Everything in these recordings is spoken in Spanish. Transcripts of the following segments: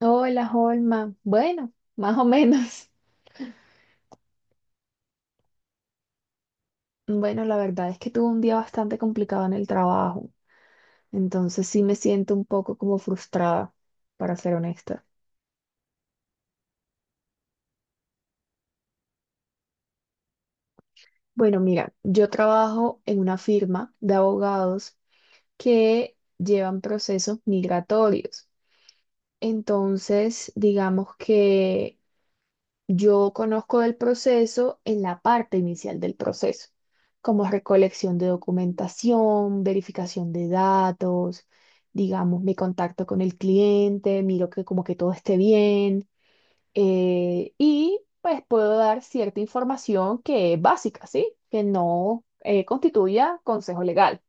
Hola, Holma. Bueno, más o menos. Bueno, la verdad es que tuve un día bastante complicado en el trabajo, entonces sí me siento un poco como frustrada, para ser honesta. Bueno, mira, yo trabajo en una firma de abogados que llevan procesos migratorios. Entonces, digamos que yo conozco del proceso en la parte inicial del proceso, como recolección de documentación, verificación de datos, digamos, me contacto con el cliente, miro que como que todo esté bien y pues puedo dar cierta información que es básica, ¿sí? Que no constituya consejo legal.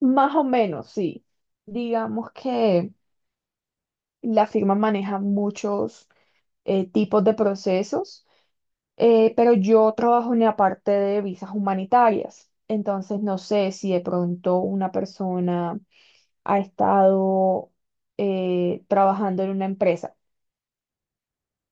Más o menos, sí. Digamos que la firma maneja muchos tipos de procesos. Pero yo trabajo en la parte de visas humanitarias, entonces no sé si de pronto una persona ha estado trabajando en una empresa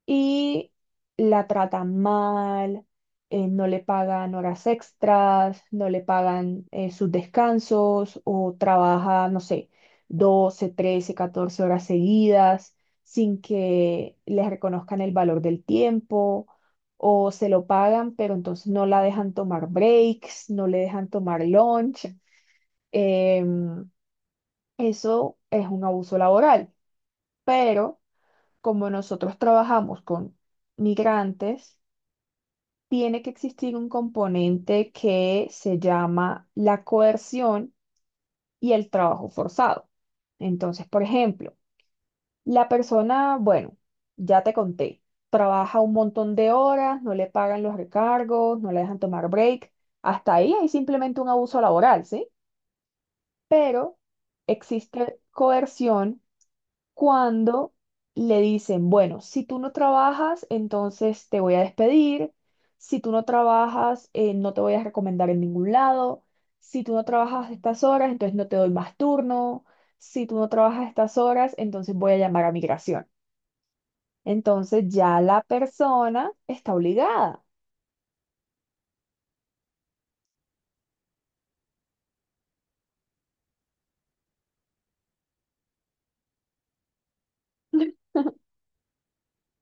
y la tratan mal, no le pagan horas extras, no le pagan sus descansos o trabaja, no sé, 12, 13, 14 horas seguidas sin que les reconozcan el valor del tiempo. O se lo pagan, pero entonces no la dejan tomar breaks, no le dejan tomar lunch. Em, Eso es un abuso laboral. Pero como nosotros trabajamos con migrantes, tiene que existir un componente que se llama la coerción y el trabajo forzado. Entonces, por ejemplo, la persona, bueno, ya te conté, trabaja un montón de horas, no le pagan los recargos, no le dejan tomar break. Hasta ahí hay simplemente un abuso laboral, ¿sí? Pero existe coerción cuando le dicen, bueno, si tú no trabajas, entonces te voy a despedir, si tú no trabajas, no te voy a recomendar en ningún lado, si tú no trabajas estas horas, entonces no te doy más turno, si tú no trabajas estas horas, entonces voy a llamar a migración. Entonces ya la persona está obligada.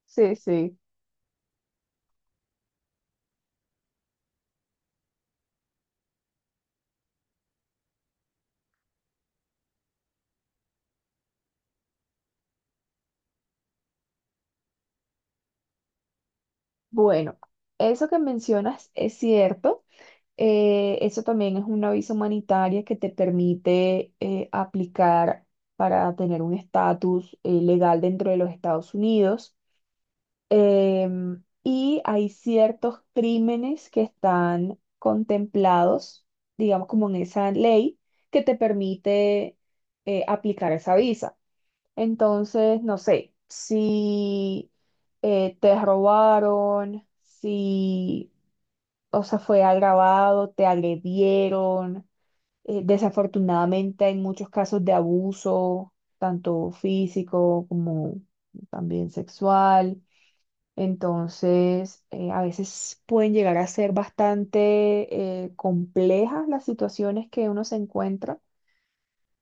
Sí, sí. Bueno, eso que mencionas es cierto. Eso también es una visa humanitaria que te permite aplicar para tener un estatus legal dentro de los Estados Unidos. Y hay ciertos crímenes que están contemplados, digamos, como en esa ley que te permite aplicar esa visa. Entonces, no sé, si te robaron, si o sea, fue agravado, te agredieron, desafortunadamente hay muchos casos de abuso, tanto físico como también sexual. Entonces, a veces pueden llegar a ser bastante complejas las situaciones que uno se encuentra.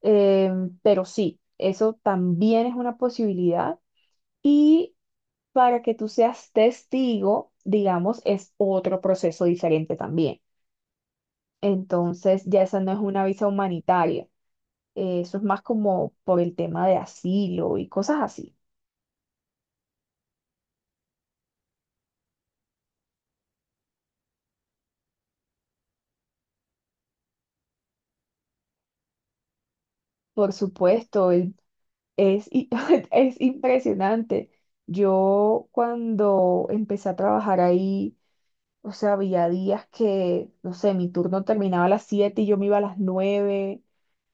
Pero sí, eso también es una posibilidad. Y para que tú seas testigo, digamos, es otro proceso diferente también. Entonces ya esa no es una visa humanitaria. Eso es más como por el tema de asilo y cosas así. Por supuesto, es, i- es impresionante. Yo cuando empecé a trabajar ahí, o sea, había días que, no sé, mi turno terminaba a las 7 y yo me iba a las 9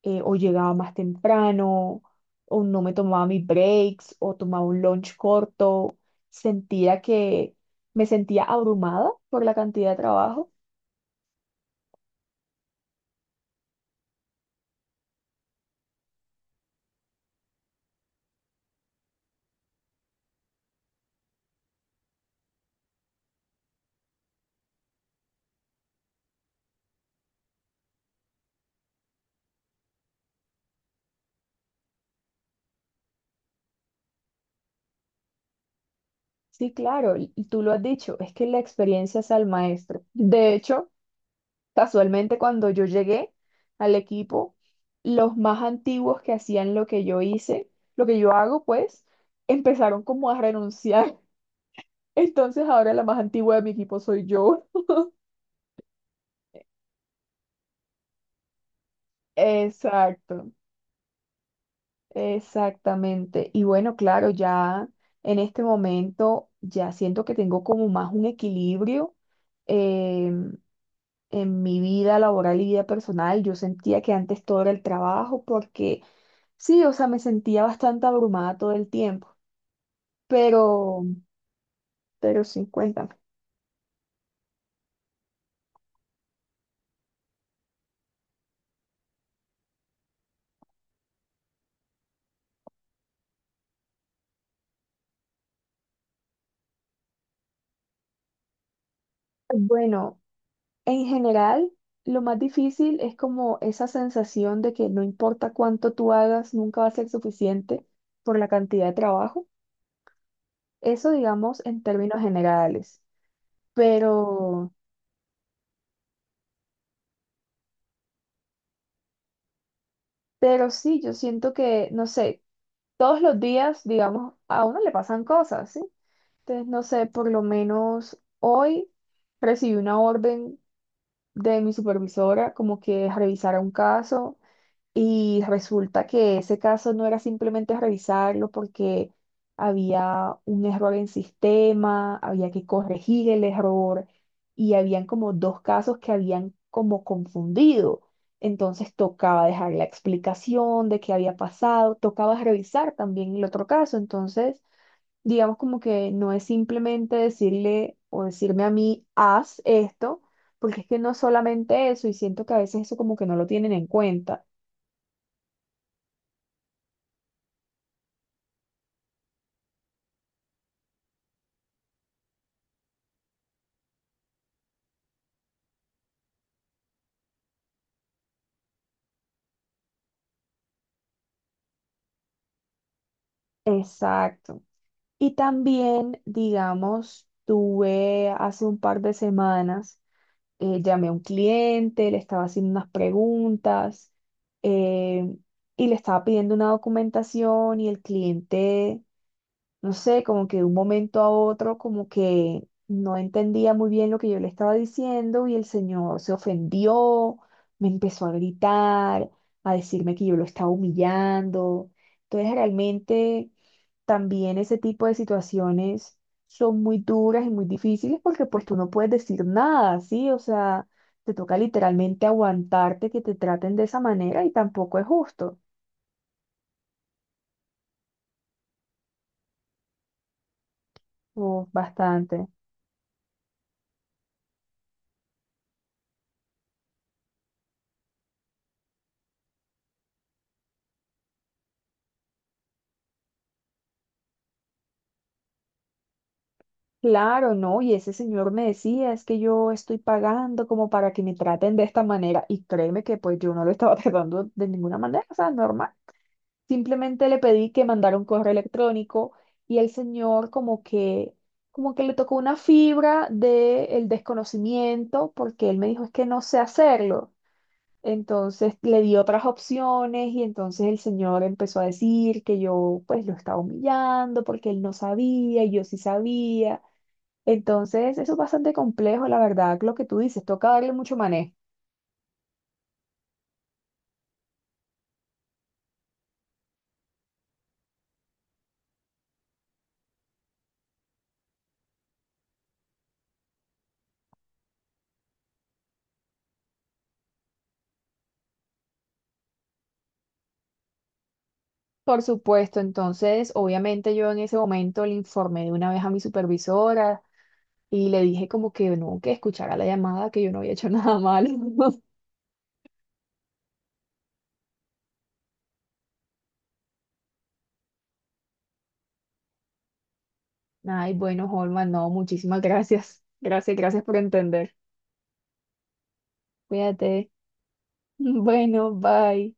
o llegaba más temprano, o no me tomaba mis breaks, o tomaba un lunch corto. Sentía que me sentía abrumada por la cantidad de trabajo. Sí, claro, y tú lo has dicho, es que la experiencia es al maestro, de hecho. Casualmente, cuando yo llegué al equipo, los más antiguos que hacían lo que yo hice, lo que yo hago, pues, empezaron como a renunciar. Entonces, ahora la más antigua de mi equipo soy yo. Exacto, exactamente. Y bueno, claro, ya en este momento ya siento que tengo como más un equilibrio em, en mi vida laboral y vida personal. Yo sentía que antes todo era el trabajo porque sí, o sea, me sentía bastante abrumada todo el tiempo, pero, pero sí, cuéntame. Bueno, en general, lo más difícil es como esa sensación de que no importa cuánto tú hagas, nunca va a ser suficiente por la cantidad de trabajo. Eso, digamos, en términos generales. Pero, pero sí, yo siento que, no sé, todos los días, digamos, a uno le pasan cosas, ¿sí? Entonces, no sé, por lo menos hoy recibí una orden de mi supervisora como que revisara un caso y resulta que ese caso no era simplemente revisarlo porque había un error en sistema, había que corregir el error y habían como dos casos que habían como confundido. Entonces tocaba dejar la explicación de qué había pasado, tocaba revisar también el otro caso. Entonces digamos como que no es simplemente decirle o decirme a mí, haz esto, porque es que no es solamente eso, y siento que a veces eso como que no lo tienen en cuenta. Exacto. Y también, digamos, tuve hace un par de semanas, llamé a un cliente, le estaba haciendo unas preguntas, eh, y le estaba pidiendo una documentación y el cliente no sé, como que de un momento a otro, como que no entendía muy bien lo que yo le estaba diciendo y el señor se ofendió, me empezó a gritar, a decirme que yo lo estaba humillando. Entonces, realmente también ese tipo de situaciones son muy duras y muy difíciles porque pues tú no puedes decir nada, ¿sí? O sea, te toca literalmente aguantarte que te traten de esa manera y tampoco es justo. Uf, bastante. Claro, no, y ese señor me decía, es que yo estoy pagando como para que me traten de esta manera, y créeme que pues yo no lo estaba tratando de ninguna manera, o sea, normal. Simplemente le pedí que mandara un correo electrónico y el señor como que le tocó una fibra del desconocimiento, porque él me dijo, es que no sé hacerlo. Entonces le di otras opciones y entonces el señor empezó a decir que yo pues lo estaba humillando porque él no sabía y yo sí sabía. Entonces, eso es bastante complejo, la verdad, lo que tú dices, toca darle mucho manejo. Por supuesto, entonces, obviamente yo en ese momento le informé de una vez a mi supervisora y le dije como que no, que escuchara la llamada, que yo no había hecho nada malo. Ay, bueno, Holman, no, muchísimas gracias. Gracias, gracias por entender. Cuídate. Bueno, bye.